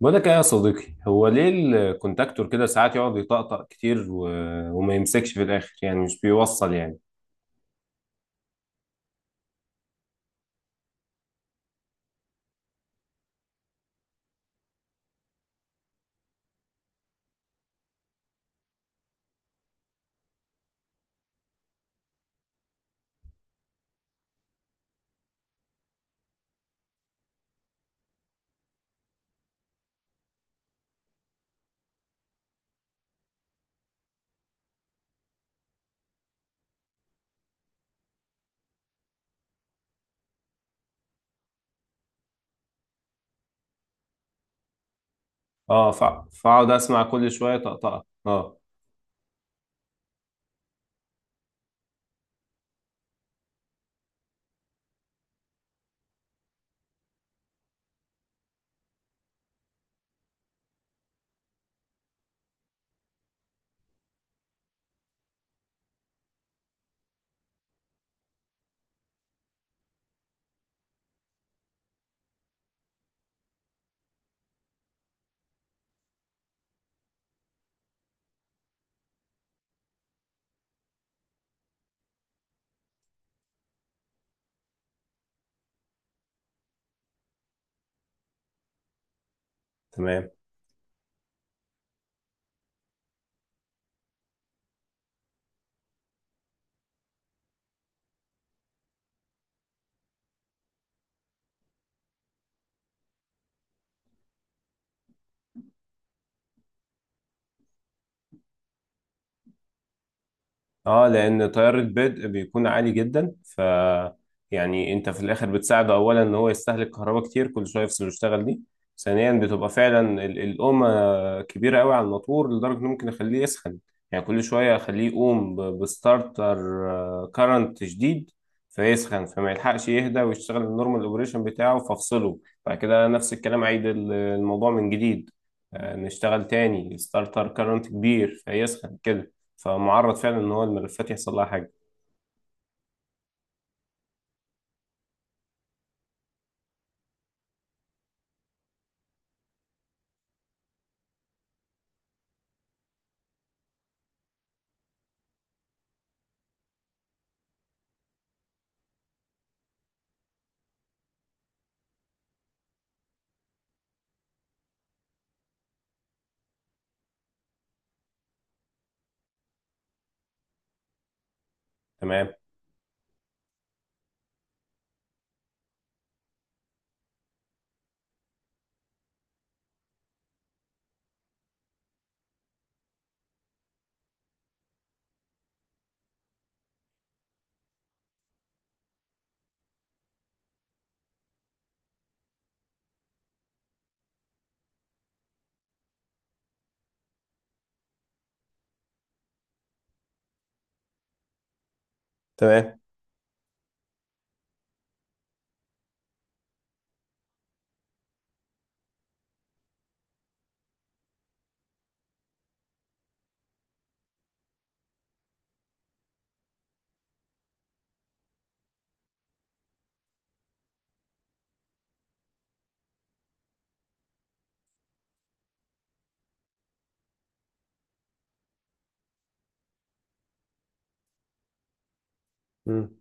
بقول لك ايه يا صديقي؟ هو ليه الكونتاكتور كده ساعات يقعد يطقطق كتير وما يمسكش في الاخر، يعني مش بيوصل يعني. اه فاقعد اسمع كل شويه طقطقه. اه تمام. اه، لان تيار البدء بيكون عالي جدا، ف- يعني انت في الاخر بتساعده، اولا ان هو يستهلك كهرباء كتير كل شويه يفصل ويشتغل دي، ثانيا بتبقى فعلا القومه كبيره قوي على الموتور لدرجه انه ممكن اخليه يسخن، يعني كل شويه اخليه يقوم بستارتر كارنت شديد فيسخن، فما يلحقش يهدى ويشتغل النورمال اوبريشن بتاعه فافصله. بعد كده نفس الكلام، عيد الموضوع من جديد، نشتغل تاني ستارتر كارنت كبير فيسخن كده، فمعرض فعلا ان هو الملفات يحصل لها حاجه. تمام. تمام. مم.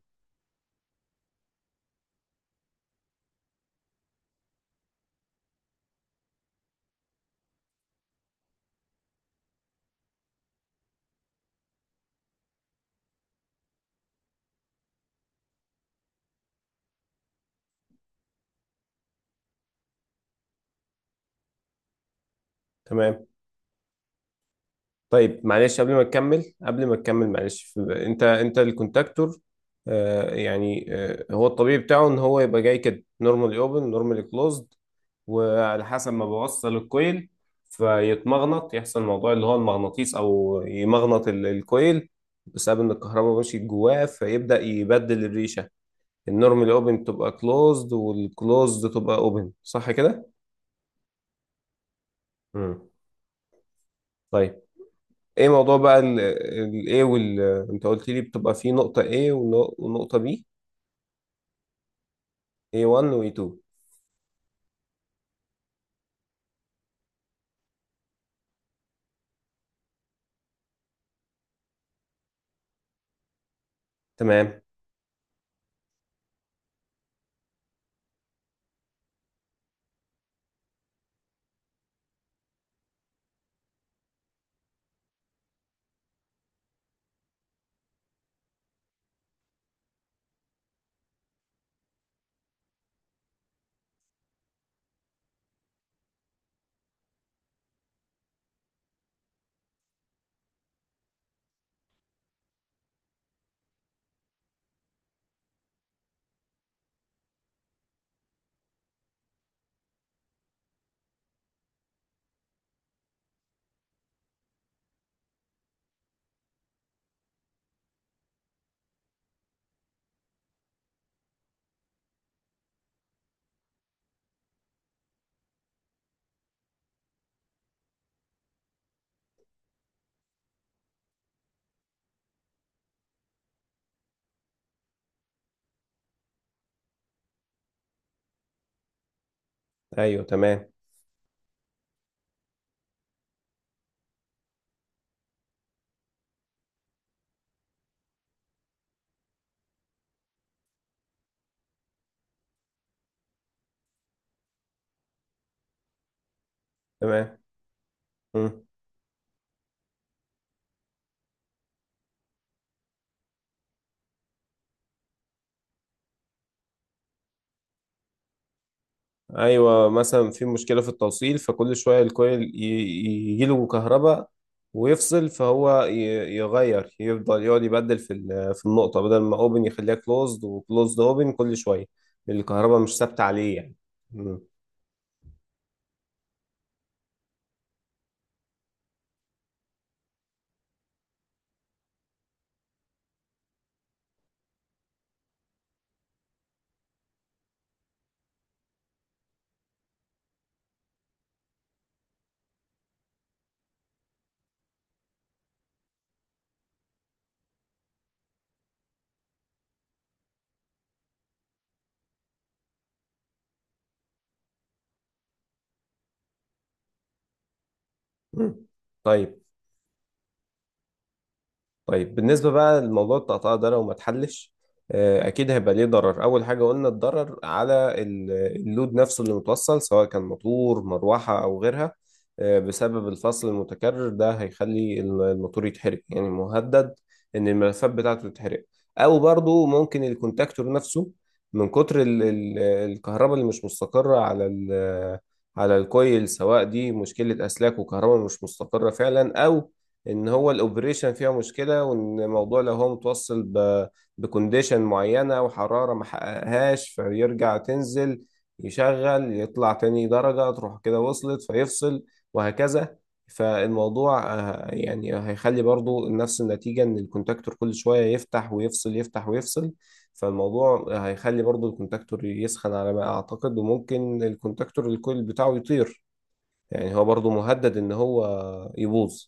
تمام. طيب معلش قبل ما تكمل، قبل ما تكمل معلش، انت الكونتاكتور، يعني هو الطبيعي بتاعه ان هو يبقى جاي كده نورمالي اوبن نورمالي كلوزد، وعلى حسب ما بوصل الكويل فيتمغنط، يحصل موضوع اللي هو المغناطيس، او يمغنط الكويل بسبب ان الكهرباء ماشيه جواه، فيبدا يبدل الريشه، النورمال اوبن تبقى كلوزد والكلوزد تبقى اوبن، صح كده؟ مم. طيب، ايه موضوع بقى ال ال A وال- انت قلت لي بتبقى فيه نقطة A ونقطة B. A1 و A2. تمام. ايوه تمام. تمام. مم. ايوه، مثلا في مشكلة في التوصيل فكل شوية الكويل يجي له كهرباء ويفصل، فهو يغير، يفضل يقعد يبدل في في النقطة، بدل ما اوبن يخليها كلوزد، وكلوزد اوبن كل شوية، الكهرباء مش ثابتة عليه يعني. مم. مم. طيب. طيب بالنسبة بقى لموضوع التقطيع ده، لو ما اتحلش، آه، أكيد هيبقى ليه ضرر. أول حاجة قلنا الضرر على ال- اللود نفسه اللي متوصل سواء كان موتور مروحة أو غيرها، آه، بسبب الفصل المتكرر ده هيخلي الموتور يتحرق، يعني مهدد إن الملفات بتاعته تتحرق. أو برضو ممكن الكونتاكتور نفسه من كتر الكهرباء اللي مش مستقرة على على الكويل، سواء دي مشكلة أسلاك وكهرباء مش مستقرة فعلا، أو ان هو الاوبريشن فيها مشكله، وان الموضوع لو هو متوصل بكونديشن معينه وحراره ما حققهاش فيرجع تنزل، يشغل يطلع تاني درجه تروح كده وصلت فيفصل، وهكذا. فالموضوع آه، يعني هيخلي برضو نفس النتيجه، ان الكونتاكتور كل شويه يفتح ويفصل يفتح ويفصل، فالموضوع هيخلي برضو الكونتاكتور يسخن على ما اعتقد، وممكن الكونتاكتور الكويل بتاعه يطير، يعني هو برضو مهدد ان هو يبوظ.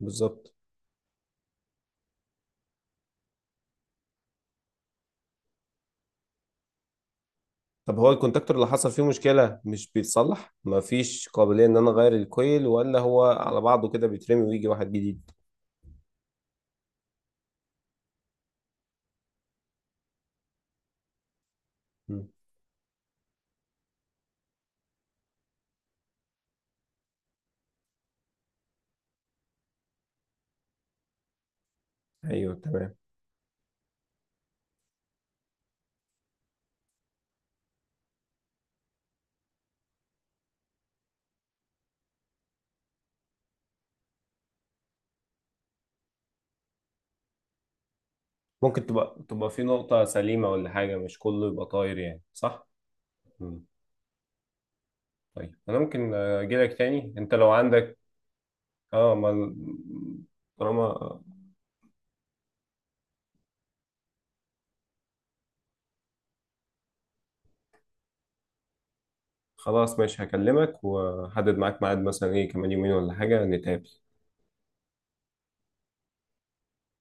بالظبط. طب هو الكونتاكتور اللي حصل فيه مشكلة مش بيتصلح؟ مفيش قابلية ان انا اغير الكويل، ولا هو على بعضه كده بيترمي ويجي واحد جديد؟ مم. ايوه تمام. ممكن تبقى في نقطة سليمة ولا حاجة، مش كله يبقى طاير يعني، صح؟ مم. طيب انا ممكن اجي لك تاني انت لو عندك. اه، ما طالما- خلاص ماشي، هكلمك وحدد معاك ميعاد مثلا، ايه كمان يومين ولا حاجة نتقابل؟